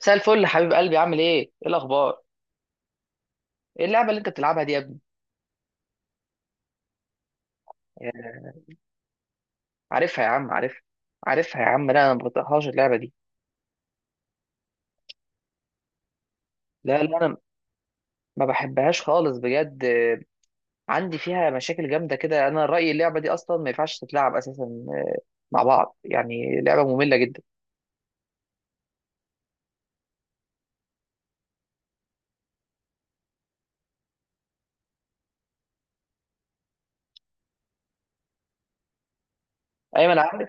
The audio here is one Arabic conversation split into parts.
مساء الفل يا حبيب قلبي، عامل ايه؟ ايه الاخبار؟ ايه اللعبه اللي انت بتلعبها دي يا ابني؟ آه، عارفها يا عم، عارفها. عارفها يا عم، لا انا ما بطيقهاش اللعبه دي. لا انا ما بحبهاش خالص بجد. عندي فيها مشاكل جامده كده. انا رايي اللعبه دي اصلا ما ينفعش تتلعب اساسا مع بعض، يعني لعبه ممله جدا. ايوه انا عارف،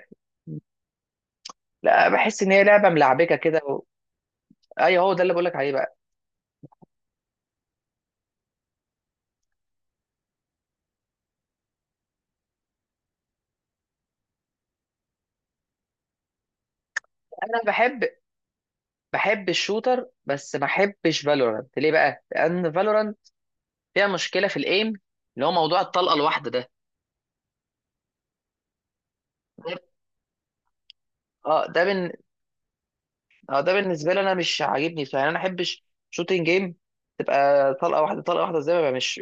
لا بحس ان هي لعبه ملعبكه كده ايوه هو ده اللي بقول لك عليه بقى. انا بحب بحب الشوتر بس ما بحبش فالورانت. ليه بقى؟ لان فالورانت فيها مشكله في الايم، اللي هو موضوع الطلقه الواحده ده. اه ده بن... اه ده بالنسبه لي انا مش عاجبني، فيعني انا ما احبش شوتنج جيم تبقى طلقه واحده طلقه واحده، زي ما بقى مش،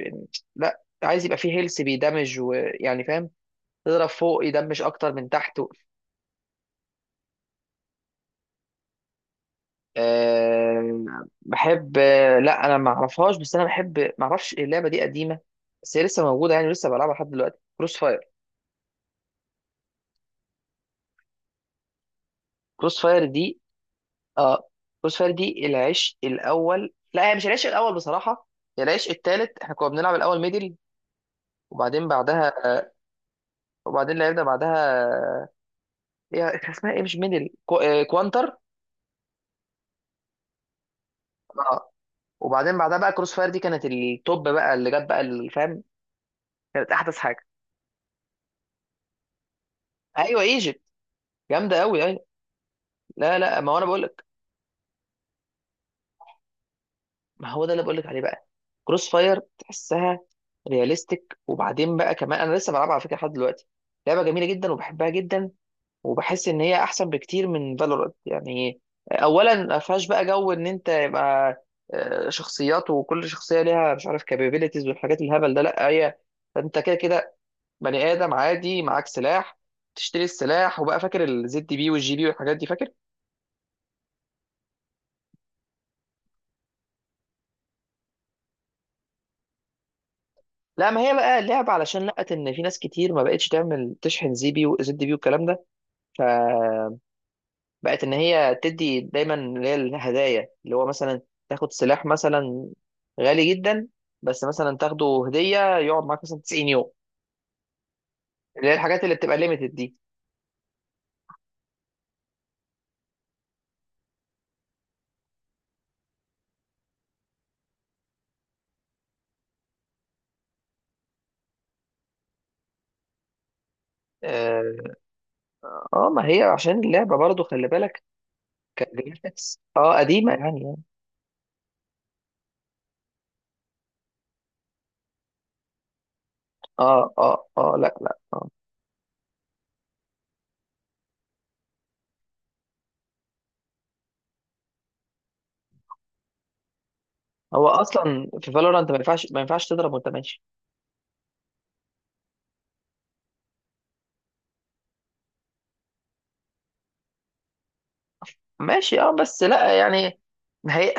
لا عايز يبقى فيه هيلث بيدمج، ويعني فاهم، تضرب فوق يدمج اكتر من تحت. أه... بحب، لا انا ما اعرفهاش، بس انا بحب، ما اعرفش اللعبه دي قديمه بس هي لسه موجوده، يعني لسه بلعبها لحد دلوقتي. كروس فاير. كروس فاير دي اه كروس فاير دي العشق الاول. لا هي مش العشق الاول بصراحه، هي العشق التالت. احنا كنا بنلعب الاول ميدل، وبعدين بعدها وبعدين لعبنا بعدها، هي كان اسمها ايه؟ مش ميدل، كو... آه، كوانتر. اه وبعدين بعدها بقى كروس فاير دي كانت التوب بقى اللي جت بقى، اللي فاهم، كانت احدث حاجه. ايوه ايجيبت، جامده قوي ايوه. لا ما هو انا بقول لك، ما هو ده اللي بقول لك عليه بقى. كروس فاير تحسها رياليستيك، وبعدين بقى كمان انا لسه بلعبها على فكره لحد دلوقتي. لعبه جميله جدا وبحبها جدا. وبحس ان هي احسن بكتير من فالورانت، يعني اولا ما فيهاش بقى جو ان انت يبقى شخصيات، وكل شخصيه ليها مش عارف كابابيلتيز والحاجات الهبل ده. لا هي، انت كده كده بني ادم عادي معاك سلاح، تشتري السلاح. وبقى فاكر الزد بي والجي بي والحاجات دي فاكر. لا ما هي بقى لعبه علشان لقت ان في ناس كتير ما بقتش تعمل تشحن زي بي وزد بي والكلام ده. ف بقت ان هي تدي دايما اللي هي الهدايا، اللي هو مثلا تاخد سلاح مثلا غالي جدا، بس مثلا تاخده هديه يقعد معاك مثلا 90 يوم، اللي هي الحاجات اللي بتبقى ليميتد دي. اه. ما هي عشان اللعبه برضه خلي بالك، كجرافيكس اه قديمه يعني يعني. اه لا آه. هو اصلا في فالورانت ما ينفعش تضرب وانت ماشي. ماشي اه، بس لا يعني هي.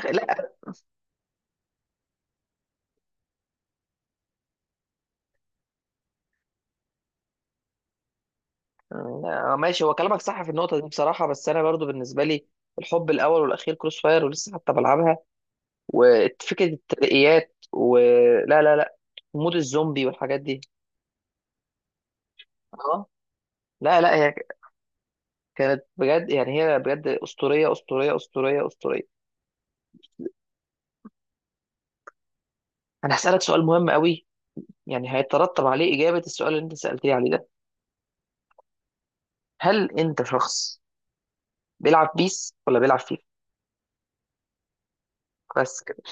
لا، ماشي، هو كلامك صح في النقطة دي بصراحة، بس أنا برضو بالنسبة لي الحب الأول والأخير كروس فاير، ولسه حتى بلعبها. وفكرة الترقيات، ولا لا مود الزومبي والحاجات دي. اه لا هي كانت بجد، يعني هي بجد أسطورية أسطورية أسطورية أسطورية. أنا هسألك سؤال مهم قوي، يعني هيترتب عليه إجابة السؤال اللي أنت سألتني عليه ده. هل أنت شخص بيلعب بيس ولا بيلعب فيفا؟ بس كده.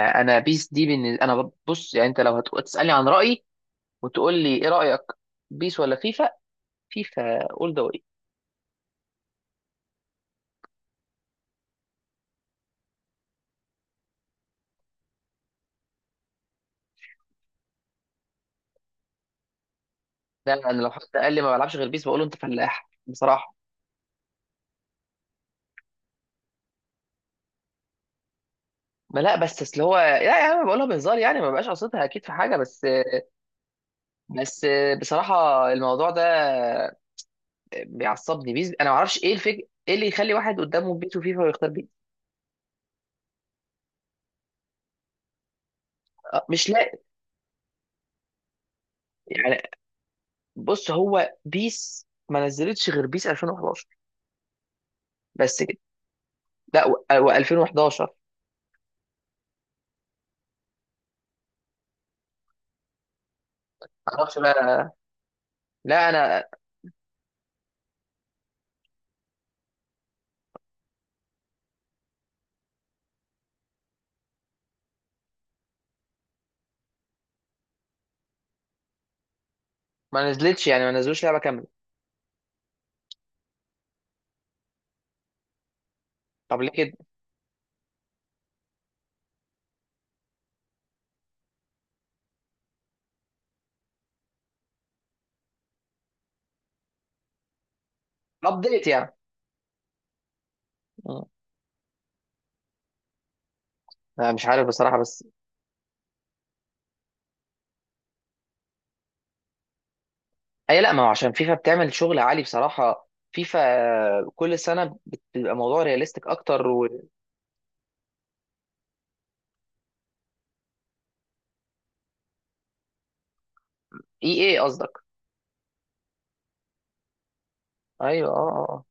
أنا بيس دي بالنسبة، أنا بص يعني أنت لو هتسألني عن رأيي وتقول لي ايه رايك، بيس ولا فيفا، فيفا اول ذا واي. ده انا لو حد قال لي ما بلعبش غير بيس، بقول له انت فلاح بصراحه. ما لا بس اصل هو، لا يا عم بقولها بهزار يعني، ما بقاش قصدها اكيد في حاجه، بس. بس بصراحه الموضوع ده بيعصبني، بيس انا ما اعرفش ايه الفكره، ايه اللي يخلي واحد قدامه بيس وفيفا ويختار بيس؟ مش لاقي يعني. بص هو بيس ما نزلتش غير بيس 2011، بس كده. لا و2011. ما اعرفش بقى، لا انا، ما نزلتش يعني، ما نزلوش لعبه كامله. طب ليه كده؟ الابديت يعني. مم. أنا مش عارف بصراحه، بس اي لا ما هو عشان فيفا بتعمل شغل عالي بصراحه. فيفا كل سنه بتبقى موضوع رياليستيك اكتر و، اي اي قصدك. ايوه آه.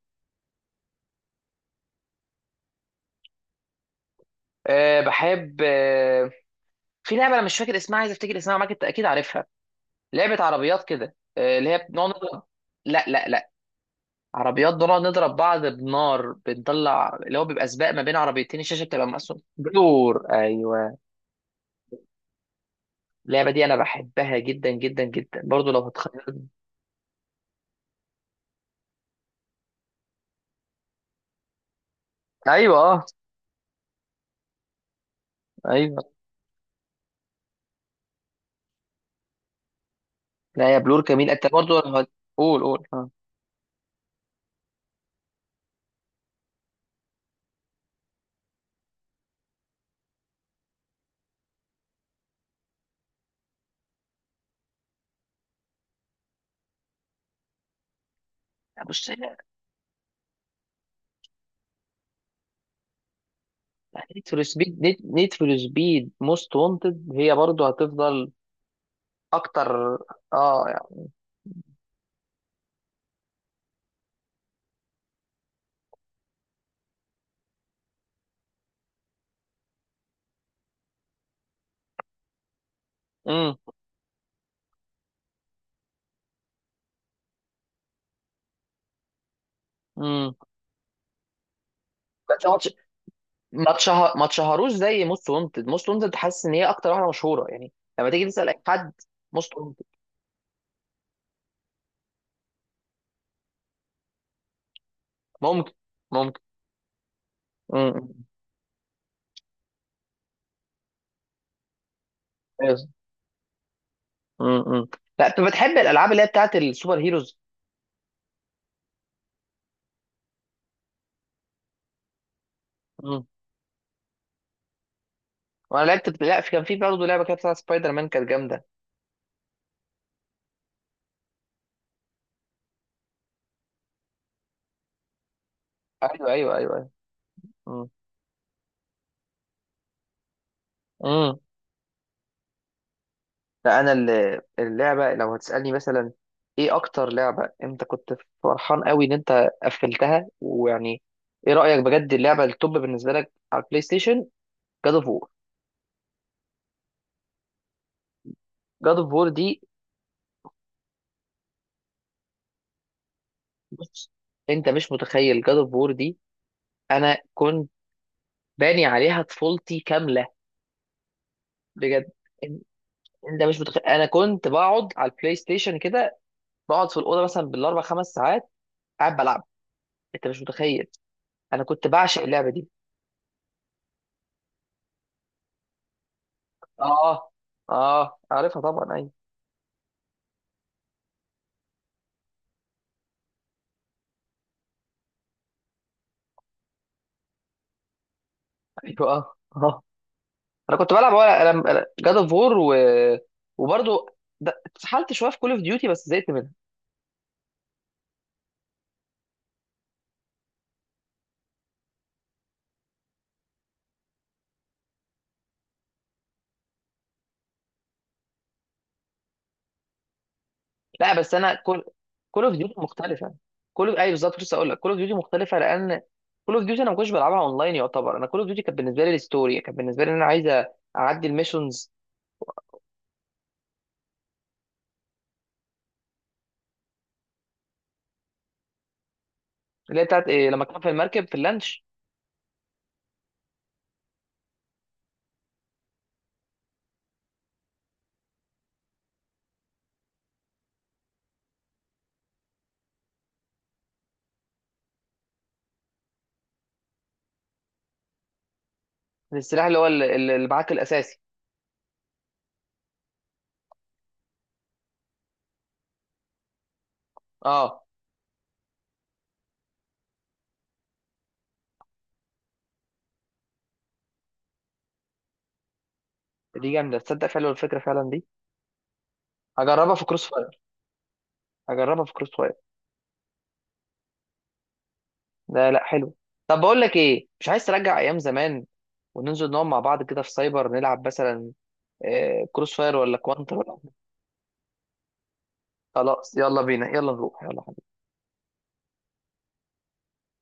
بحب. في لعبه انا مش فاكر اسمها، عايز افتكر اسمها معاك، انت اكيد عارفها، لعبه عربيات كده اللي هي بنقعد نضرب. لا عربيات بنقعد نضرب بعض بنار، بنطلع اللي هو بيبقى سباق ما بين عربيتين، الشاشه بتبقى مقسومه. دور، ايوه. اللعبه دي انا بحبها جدا جدا جدا برضو لو هتخيل. ايوه اه، ايوه. لا يا بلور، جميل انت برضه. قول قول اه. بص هي نيد فور سبيد، نيد فور سبيد موست وانتد هي برضه هتفضل اكتر. اه يعني. امم. امم. بس هو ما اتشهروش زي موست وانتد. موست وانتد حاسس ان هي اكتر واحده مشهوره يعني، لما تيجي تسال اي حد موست وانتد. ممكن، ممكن. امم. بس. امم. لا انت بتحب الالعاب اللي هي بتاعت السوبر هيروز. امم. وانا لعبت، لا في- كان في برضه لعبه كده بتاعت سبايدر مان كانت جامده. ايوه ايوه ايوه ايوه. مم. مم. لا انا اللعبه لو هتسالني مثلا ايه اكتر لعبه انت كنت فرحان قوي ان انت قفلتها، ويعني ايه رايك بجد اللعبه التوب بالنسبه لك على البلاي ستيشن؟ جاد اوف وور. جاد اوف وور دي، بص انت مش متخيل جاد اوف وور دي، انا كنت باني عليها طفولتي كامله، بجد. ان- انت مش متخيل، انا كنت بقعد على البلاي ستيشن كده، بقعد في الاوضه مثلا بالاربع خمس ساعات قاعد بلعب، انت مش متخيل، انا كنت بعشق اللعبه دي. اه اه، عارفها طبعا ايوه. ايوه انا كنت بلعب ورق. انا جاد اوف وور و... وبرضه اتسحلت شويه في كول اوف ديوتي بس زهقت منها. لا بس انا كول، كول اوف ديوتي مختلفه. كول، ايوه بالظبط لسه اقول لك، كول اوف ديوتي مختلفه لان كول اوف ديوتي انا ما كنتش بلعبها اونلاين يعتبر. انا كول اوف ديوتي كانت بالنسبه لي الستوري، كانت بالنسبه لي ان انا عايز اعدي الميشنز. اللي هي بتاعت إيه لما كان في المركب في اللانش، السلاح اللي هو اللي معاك الاساسي. اه دي جامده، تصدق فعلا الفكره فعلا دي؟ هجربها في كروس فاير. هجربها في كروس فاير. ده لا، حلو. طب بقول لك ايه، مش عايز ترجع ايام زمان وننزل نقعد مع بعض كده في سايبر نلعب مثلا كروس فاير ولا كوانتر ولا؟ خلاص يلا بينا، يلا نروح، يلا.